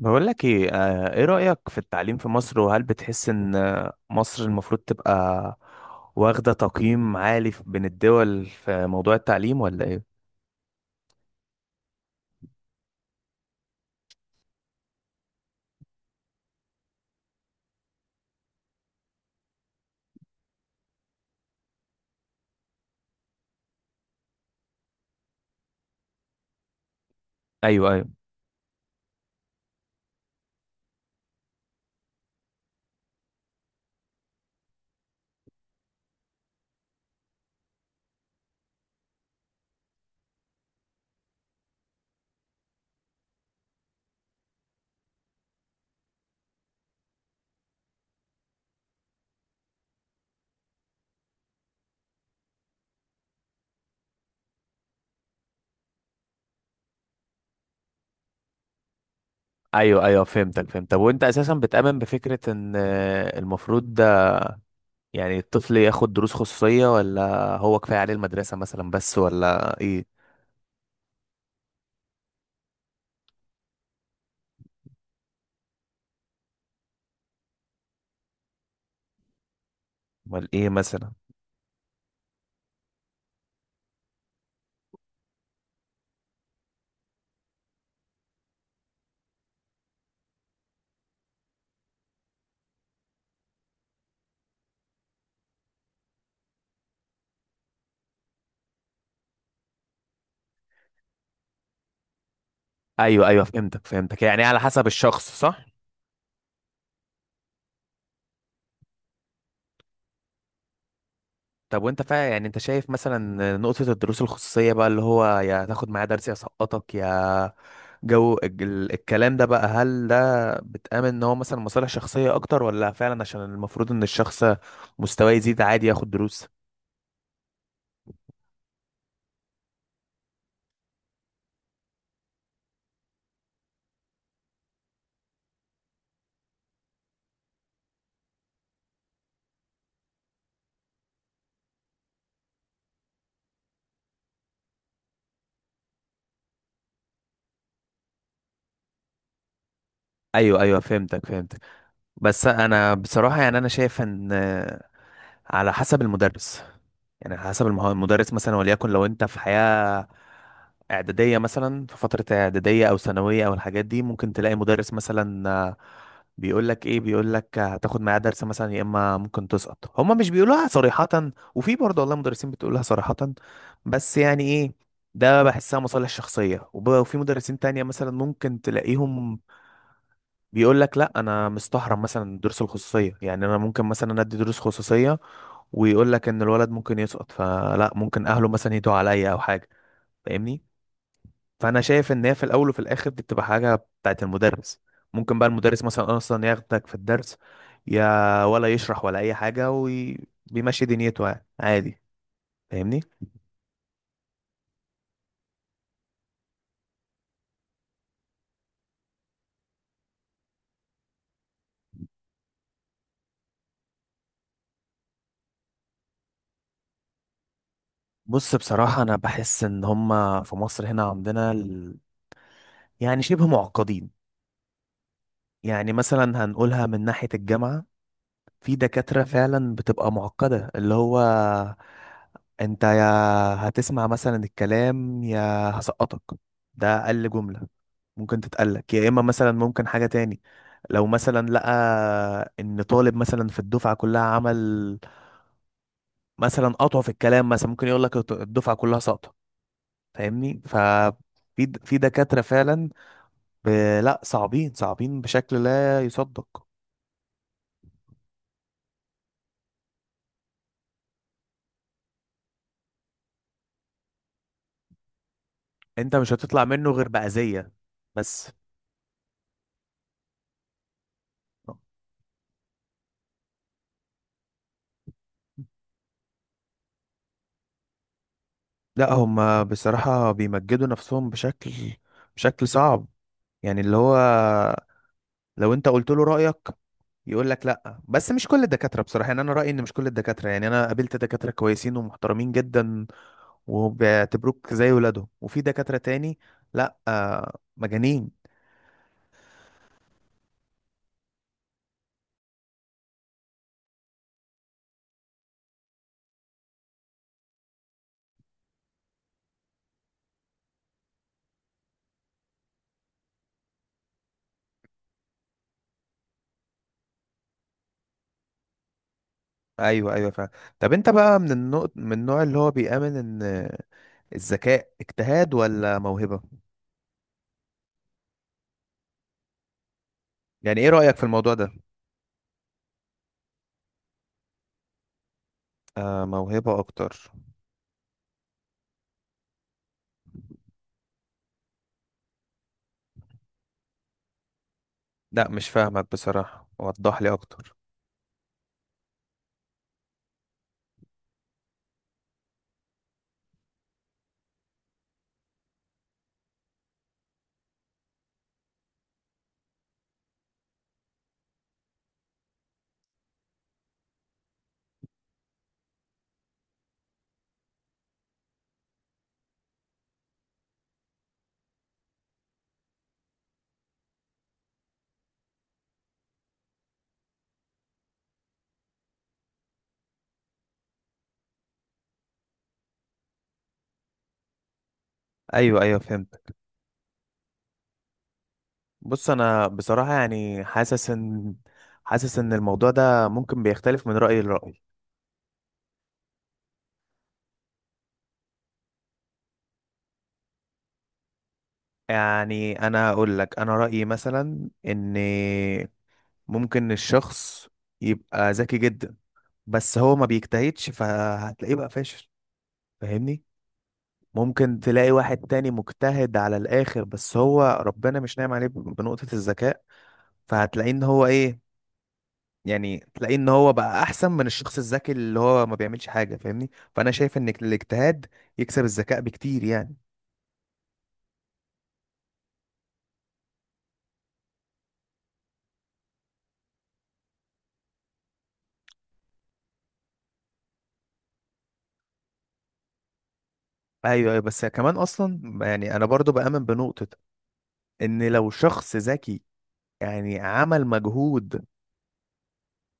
بقول لك ايه ايه رأيك في التعليم في مصر، وهل بتحس ان مصر المفروض تبقى واخدة تقييم عالي بين الدول في موضوع التعليم ولا ايه؟ ايوه ايوه. ايوه ايوه فهمتك فهمت. طب وانت اساسا بتؤمن بفكرة ان المفروض ده يعني الطفل ياخد دروس خصوصية، ولا هو كفاية عليه المدرسة مثلا بس، ولا ايه؟ ولا ايه مثلا؟ ايوه ايوه فهمتك فهمتك، يعني على حسب الشخص، صح. طب وانت فا يعني انت شايف مثلا نقطة الدروس الخصوصية بقى، اللي هو يا تاخد معايا درس يا سقطك، يا جو الكلام ده بقى، هل ده بتآمن ان هو مثلا مصالح شخصية اكتر، ولا فعلا عشان المفروض ان الشخص مستواه يزيد عادي ياخد دروس؟ ايوه ايوه فهمتك فهمتك. بس انا بصراحة يعني انا شايف ان على حسب المدرس، يعني على حسب المدرس مثلا، وليكن لو انت في حياة اعدادية مثلا، في فترة اعدادية او ثانوية او الحاجات دي، ممكن تلاقي مدرس مثلا بيقول لك ايه، بيقول لك هتاخد معاه درس مثلا يا اما ممكن تسقط، هما مش بيقولوها صريحة، وفي برضه والله مدرسين بتقولها صريحة، بس يعني ايه، ده بحسها مصالح شخصية، وفي مدرسين تانية مثلا ممكن تلاقيهم بيقول لك لا انا مستحرم مثلا الدروس الخصوصيه، يعني انا ممكن مثلا أنا ادي دروس خصوصيه، ويقول لك ان الولد ممكن يسقط، فلا ممكن اهله مثلا يدعوا عليا او حاجه، فاهمني. فانا شايف ان هي في الاول وفي الاخر دي بتبقى حاجه بتاعت المدرس، ممكن بقى المدرس مثلا اصلا ياخدك في الدرس يا ولا يشرح ولا اي حاجه وبيمشي دنيته يعني عادي، فاهمني. بص بصراحه انا بحس ان هما في مصر هنا عندنا يعني شبه معقدين، يعني مثلا هنقولها من ناحيه الجامعه. في دكاترة فعلا بتبقى معقدة، اللي هو انت يا هتسمع مثلا الكلام يا هسقطك، ده اقل جملة ممكن تتقلك، يا اما مثلا ممكن حاجة تاني، لو مثلا لقى ان طالب مثلا في الدفعة كلها عمل مثلا قطع في الكلام مثلا، ممكن يقول لك الدفعة كلها ساقطة، فاهمني ف في دكاترة فعلا ب... لا، صعبين، صعبين بشكل لا يصدق. انت مش هتطلع منه غير بأذية، بس لا هم بصراحة بيمجدوا نفسهم بشكل، بشكل صعب، يعني اللي هو لو انت قلت له رأيك، يقول لك لا، بس مش كل الدكاترة بصراحة، يعني انا رأيي ان مش كل الدكاترة، يعني انا قابلت دكاترة كويسين ومحترمين جدا وبيعتبروك زي ولادهم، وفي دكاترة تاني لا مجانين. ايوه ايوه فاهم. طب انت بقى من النوع من النوع اللي هو بيآمن ان الذكاء اجتهاد ولا موهبة؟ يعني ايه رأيك في الموضوع ده؟ آه موهبة اكتر. لا مش فاهمك بصراحة، وضح لي اكتر. ايوه ايوه فهمت. بص انا بصراحة يعني حاسس ان الموضوع ده ممكن بيختلف من رأي لرأي، يعني انا اقول لك انا رأيي مثلا ان ممكن الشخص يبقى ذكي جدا، بس هو ما بيجتهدش، فهتلاقيه بقى فاشل، فاهمني. ممكن تلاقي واحد تاني مجتهد على الاخر، بس هو ربنا مش ناعم عليه بنقطة الذكاء، فهتلاقيه ان هو ايه، يعني تلاقيه ان هو بقى احسن من الشخص الذكي اللي هو ما بيعملش حاجه، فاهمني. فانا شايف ان الاجتهاد يكسب الذكاء بكتير يعني. ايوه ايوه. بس كمان اصلا يعني انا برضو بامن بنقطه ان لو شخص ذكي يعني عمل مجهود،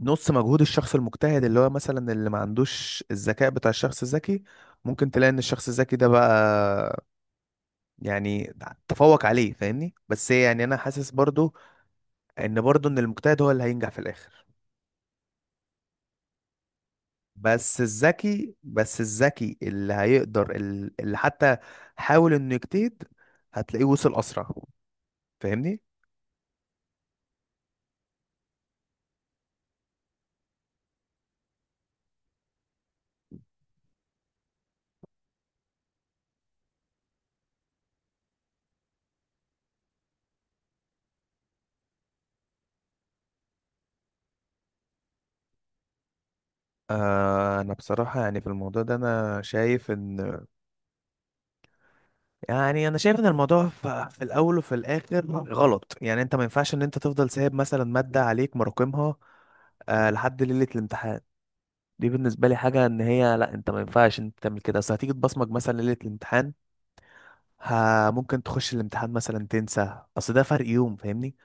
نص مجهود الشخص المجتهد اللي هو مثلا اللي ما عندوش الذكاء بتاع الشخص الذكي، ممكن تلاقي ان الشخص الذكي ده بقى يعني تفوق عليه، فاهمني. بس يعني انا حاسس برضو ان المجتهد هو اللي هينجح في الاخر، بس الذكي اللي هيقدر اللي حتى حاول انه يجتهد، هتلاقيه وصل اسرع، فاهمني. انا بصراحة يعني في الموضوع ده انا شايف ان، يعني انا شايف ان الموضوع في الاول وفي الاخر غلط، يعني انت ما ينفعش ان انت تفضل سايب مثلا مادة عليك مراكمها لحد ليلة الامتحان، دي بالنسبة لي حاجة ان هي لا، انت ما ينفعش انت تعمل كده، اصل هتيجي تبصمج مثلا ليلة الامتحان، ها ممكن تخش الامتحان مثلا تنسى، اصل ده فرق يوم، فاهمني.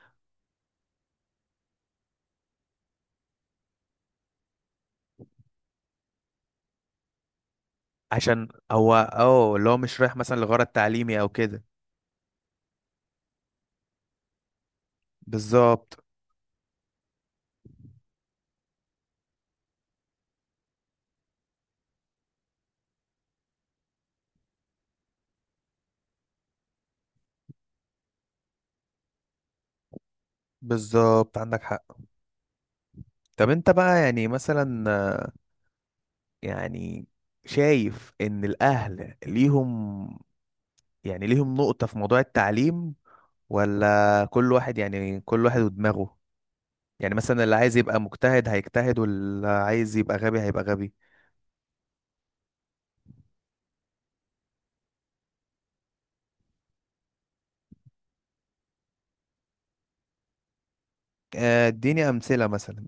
عشان هو اللي هو مش رايح مثلا لغرض تعليمي او كده. بالظبط. بالظبط عندك حق. طب انت بقى يعني مثلا، يعني شايف ان الاهل ليهم يعني ليهم نقطة في موضوع التعليم، ولا كل واحد يعني كل واحد ودماغه، يعني مثلا اللي عايز يبقى مجتهد هيجتهد، واللي عايز يبقى غبي هيبقى غبي. اديني امثلة مثلا.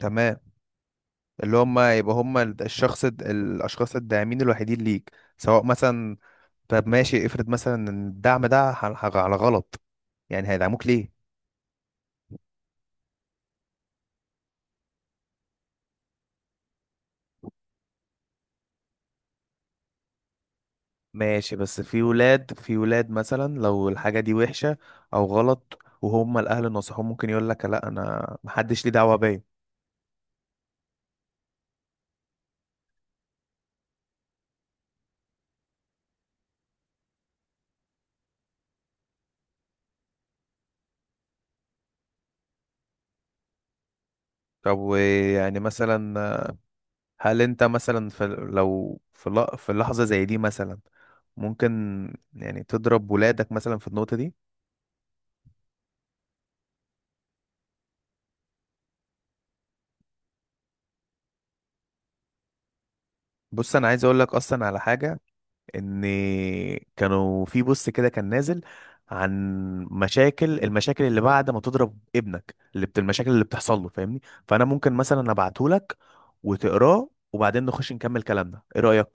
تمام. اللي هم يبقى هم الشخص الاشخاص الداعمين الوحيدين ليك، سواء مثلا. طب ماشي افرض مثلا ان الدعم ده على غلط، يعني هيدعموك ليه؟ ماشي، بس في ولاد مثلا لو الحاجة دي وحشة او غلط وهم الاهل نصحوه، ممكن يقول لك لا انا محدش ليه دعوة بيا. طب ويعني مثلا، هل انت مثلا في لو في في لحظة زي دي مثلا ممكن يعني تضرب ولادك مثلا في النقطة دي؟ بص انا عايز اقول لك اصلا على حاجة، ان كانوا في بوست كده كان نازل عن مشاكل، المشاكل اللي بعد ما تضرب ابنك، اللي بت المشاكل اللي بتحصل له، فاهمني. فانا ممكن مثلا ابعته لك وتقراه، وبعدين نخش نكمل كلامنا، ايه رأيك؟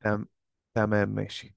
تمام. تمام ماشي.